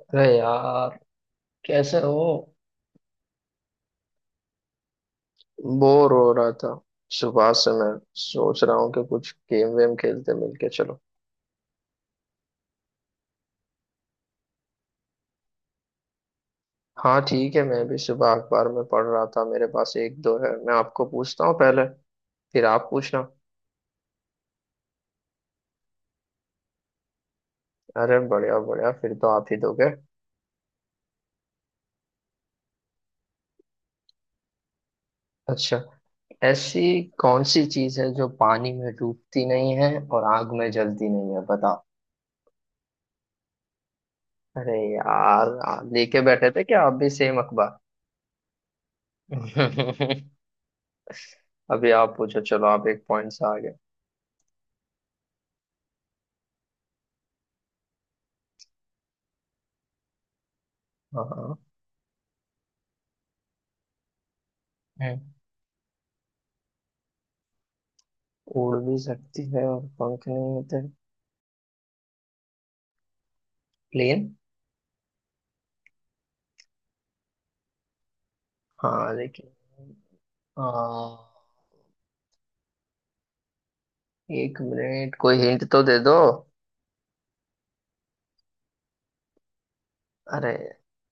अरे यार, कैसे हो। बोर हो रहा था, सुबह से मैं सोच रहा हूँ कि कुछ गेम वेम खेलते, मिलके चलो। हाँ ठीक है, मैं भी सुबह अखबार में पढ़ रहा था, मेरे पास एक दो है, मैं आपको पूछता हूँ पहले, फिर आप पूछना। अरे बढ़िया बढ़िया, फिर तो आप ही दोगे। अच्छा, ऐसी कौन सी चीज है जो पानी में डूबती नहीं है और आग में जलती नहीं है, बताओ। अरे यार, आप लेके बैठे थे क्या, आप भी सेम अखबार। अभी आप पूछो, चलो आप एक पॉइंट से आगे। हाँ है। उड़ भी सकती है और पंख नहीं होते। प्लेन। हाँ लेकिन। हाँ, एक मिनट कोई हिंट तो दे दो। अरे,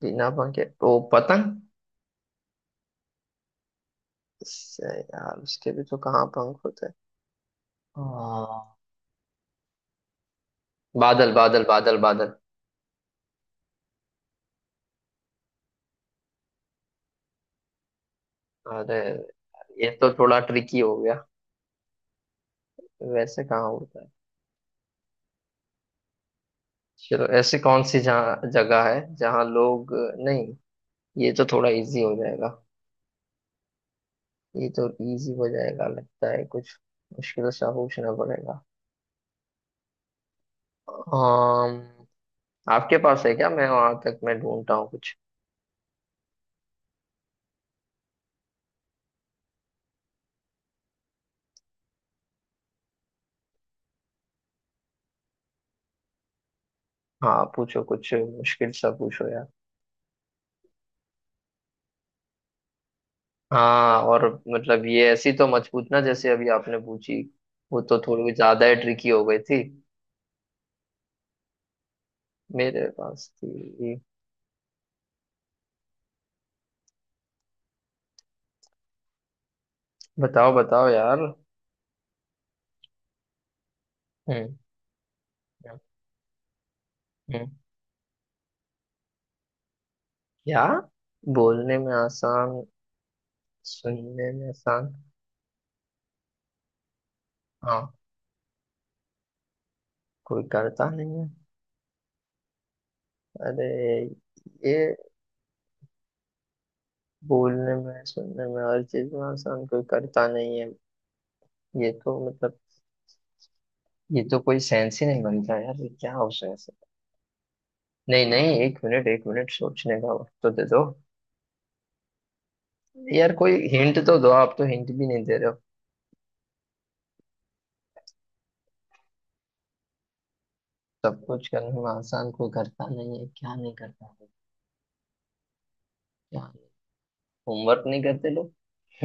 बिना पंख के वो पतंग। इससे यार उसके भी तो कहाँ पंख होते हैं। हाँ, बादल बादल बादल बादल। अरे, ये तो थोड़ा ट्रिकी हो गया। वैसे कहाँ होता है। चलो, ऐसी कौन सी जहाँ जगह है जहाँ लोग, नहीं, ये तो थोड़ा इजी हो जाएगा, ये तो इजी हो जाएगा, लगता है कुछ मुश्किल सा पूछना पड़ेगा। um, आपके पास है क्या, मैं वहां तक मैं ढूंढता हूँ कुछ। हाँ पूछो, कुछ मुश्किल सा पूछो यार। हाँ और, मतलब ये ऐसी तो मत पूछना जैसे अभी आपने पूछी, वो तो थोड़ी ज्यादा ही ट्रिकी हो गई थी। मेरे पास थी। बताओ बताओ यार। हम्म। हम्म। हम्म। क्या बोलने में आसान, सुनने में आसान। हाँ, कोई करता नहीं है। अरे ये, बोलने में सुनने में हर चीज में आसान, कोई करता नहीं है। ये तो मतलब, ये तो कोई सेंस ही नहीं बनता यार, ये क्या हो सेंस है? नहीं नहीं, एक मिनट एक मिनट, सोचने का वक्त तो दे दो। यार कोई हिंट तो दो, आप तो हिंट भी नहीं दे रहे हो। सब कुछ करने में आसान कोई करता नहीं है, क्या नहीं करता है। क्या, होमवर्क नहीं करते लोग।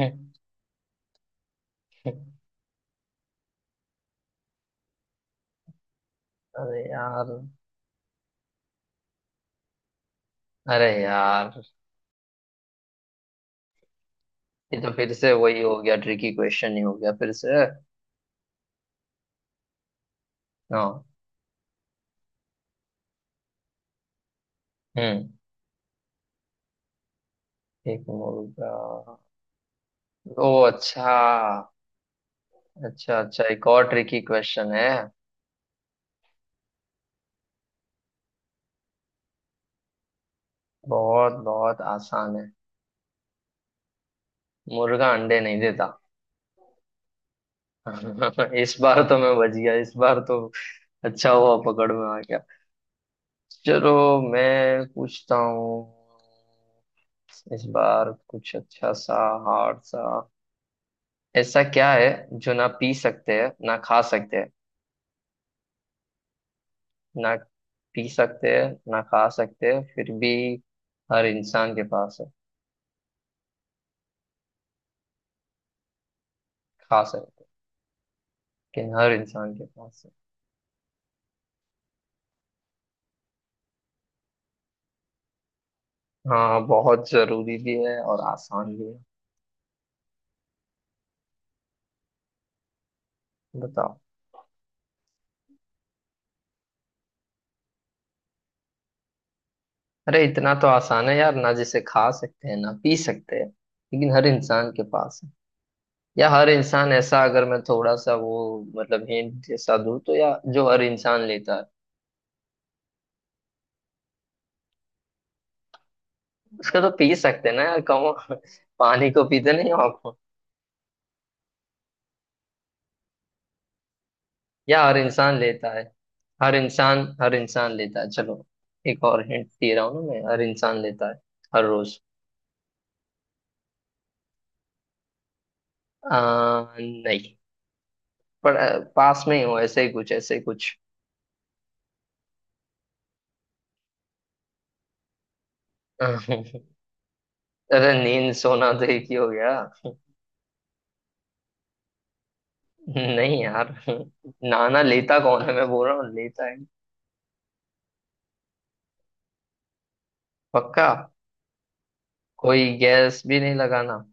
अरे यार। अरे यार, ये तो फिर से वही हो गया, ट्रिकी क्वेश्चन ही हो गया फिर से। हाँ। हम्म, एक मिनट, रुक जा। ओ अच्छा, अच्छा अच्छा, एक और ट्रिकी क्वेश्चन है। बहुत बहुत आसान है। मुर्गा अंडे नहीं देता। इस बार तो मैं बच गया, इस बार तो अच्छा हुआ पकड़ में आ गया। चलो मैं पूछता हूँ, इस बार कुछ अच्छा सा, हार्ड सा। ऐसा क्या है जो ना पी सकते हैं ना खा सकते हैं, ना पी सकते हैं ना खा सकते हैं, फिर भी हर इंसान के पास है। खा सकते हैं, लेकिन हर इंसान के पास है। हाँ, बहुत जरूरी भी है और आसान भी है, बताओ। अरे इतना तो आसान है यार, ना जिसे खा सकते हैं ना पी सकते हैं, लेकिन हर इंसान के पास है, या हर इंसान ऐसा, अगर मैं थोड़ा सा वो मतलब हिंट जैसा दूं तो, या जो हर इंसान लेता है। उसका तो पी सकते हैं ना यार, कहो। पानी को पीते नहीं हो आपको। या हर इंसान लेता है, हर इंसान लेता है, चलो एक और हिंट दे रहा हूँ ना मैं, हर इंसान लेता है, हर रोज। आ, नहीं, पर पास में ही हो, ऐसे ही कुछ, ऐसे ही कुछ। अरे नींद सोना तो एक ही हो गया, नहीं यार। नाना लेता कौन है, मैं बोल रहा हूँ लेता है। पक्का। कोई गैस भी नहीं लगाना।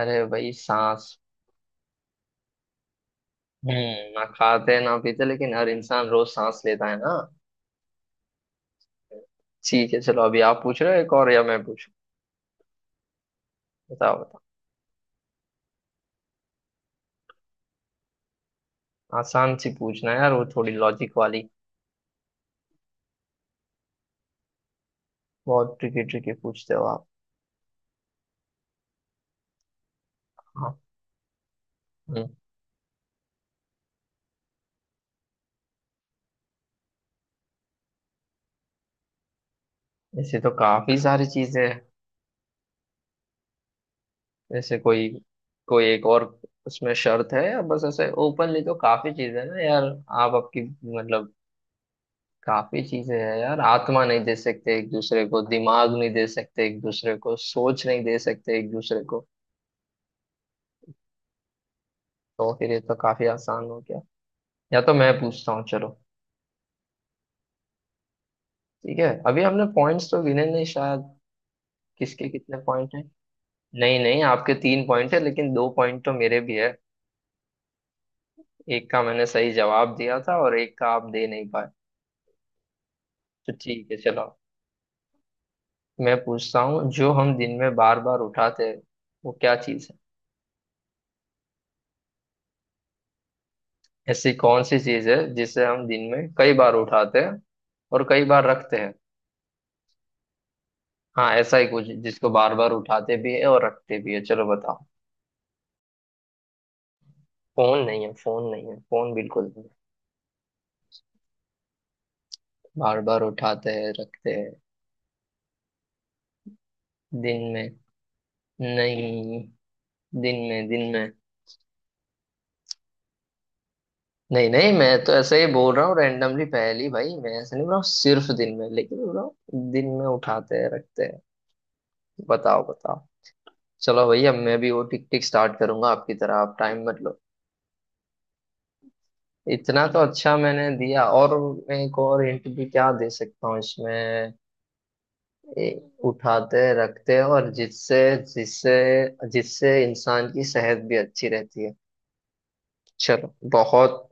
अरे भाई, सांस। हम्म, ना खाते ना पीते लेकिन हर इंसान रोज सांस लेता है ना। ठीक है चलो, अभी आप पूछ रहे हो, एक और या मैं पूछूं। बताओ बताओ। आसान सी पूछना है यार, वो थोड़ी लॉजिक वाली। बहुत ट्रिकी ट्रिकी पूछते हो आप। हाँ। हम्म। ऐसे तो काफी सारी चीजें हैं, ऐसे कोई, कोई एक और, उसमें शर्त है, या बस ऐसे ओपनली तो काफी चीजें हैं ना यार। आप आपकी मतलब, काफी चीजें हैं यार, आत्मा नहीं दे सकते एक दूसरे को, दिमाग नहीं दे सकते एक दूसरे को, सोच नहीं दे सकते एक दूसरे को। तो फिर ये तो काफी आसान हो गया, या तो मैं पूछता हूँ चलो। ठीक है, अभी हमने पॉइंट्स तो गिने नहीं शायद, किसके कितने पॉइंट हैं। नहीं नहीं, आपके तीन पॉइंट है लेकिन दो पॉइंट तो मेरे भी है, एक का मैंने सही जवाब दिया था और एक का आप दे नहीं पाए। तो ठीक है चलो, मैं पूछता हूँ, जो हम दिन में बार बार उठाते हैं, वो क्या चीज़ है। ऐसी कौन सी चीज़ है जिसे हम दिन में कई बार उठाते हैं और कई बार रखते हैं। हाँ, ऐसा ही कुछ जिसको बार बार उठाते भी है और रखते भी है, चलो बताओ। फोन नहीं है, फोन नहीं है, फोन बिल्कुल नहीं है। बार बार उठाते हैं, रखते हैं, दिन में। नहीं, दिन में दिन में। नहीं नहीं, मैं तो ऐसे ही बोल रहा हूँ रैंडमली, पहली भाई मैं ऐसे नहीं बोल रहा हूँ सिर्फ दिन में, लेकिन बोल रहा हूँ दिन में उठाते हैं रखते हैं। बताओ बताओ। चलो भैया, मैं भी वो टिक टिक स्टार्ट करूंगा आपकी तरह, आप टाइम मत लो। इतना तो अच्छा मैंने दिया, और मैं एक और हिंट भी क्या दे सकता हूँ इसमें। उठाते रखते, और जिससे, जिससे जिससे इंसान की सेहत भी अच्छी रहती है। चलो बहुत,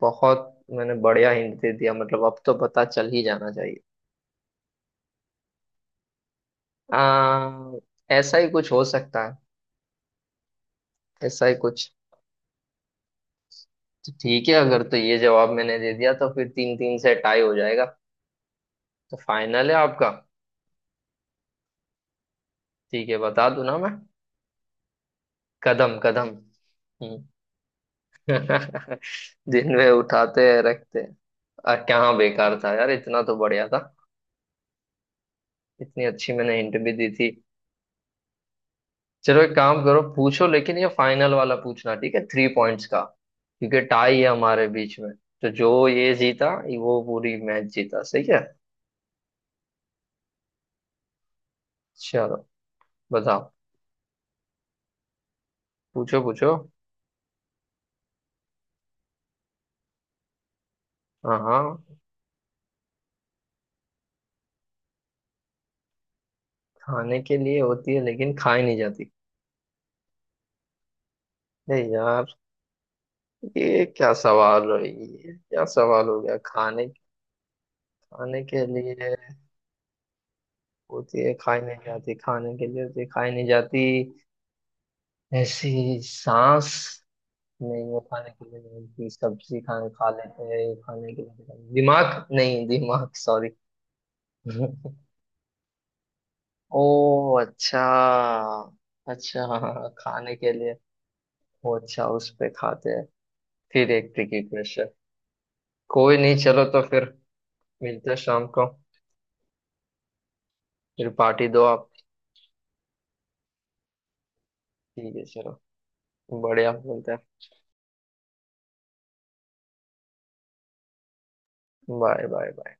बहुत मैंने बढ़िया हिंट दे दिया, मतलब अब तो पता चल ही जाना चाहिए। आ, ऐसा ही कुछ हो सकता है, ऐसा ही कुछ। तो ठीक है, अगर तो ये जवाब मैंने दे दिया तो फिर तीन तीन से टाई हो जाएगा, तो फाइनल है आपका। ठीक है, बता दूं ना मैं, कदम कदम। हम्म। दिन में उठाते हैं रखते हैं। क्या बेकार था यार, इतना तो बढ़िया था, इतनी अच्छी मैंने हिंट भी दी थी। चलो एक काम करो, पूछो, लेकिन ये फाइनल वाला पूछना, ठीक है, थ्री पॉइंट्स का, क्योंकि टाई है हमारे बीच में। तो जो ये जीता, वो पूरी मैच जीता, सही है। चलो बताओ, पूछो पूछो। हाँ हाँ, खाने के लिए होती है लेकिन खाई नहीं जाती। अरे यार, ये क्या सवाल है, ये क्या सवाल हो गया, खाने, खाने के लिए होती है खाई नहीं जाती, खाने के लिए होती है खाई नहीं जाती, ऐसी, सांस नहीं है, खाने के लिए नहीं होती, सब्जी खाने खा लेते हैं, खाने के लिए दिमाग, नहीं दिमाग सॉरी। ओ अच्छा, अच्छा हाँ, खाने के लिए। ओ अच्छा, उस पे खाते हैं। फिर एक ट्रिकी क्वेश्चन, कोई नहीं, चलो तो फिर मिलते हैं शाम को, फिर पार्टी दो आप। ठीक है चलो, बढ़िया, मिलते हैं। Bye bye bye.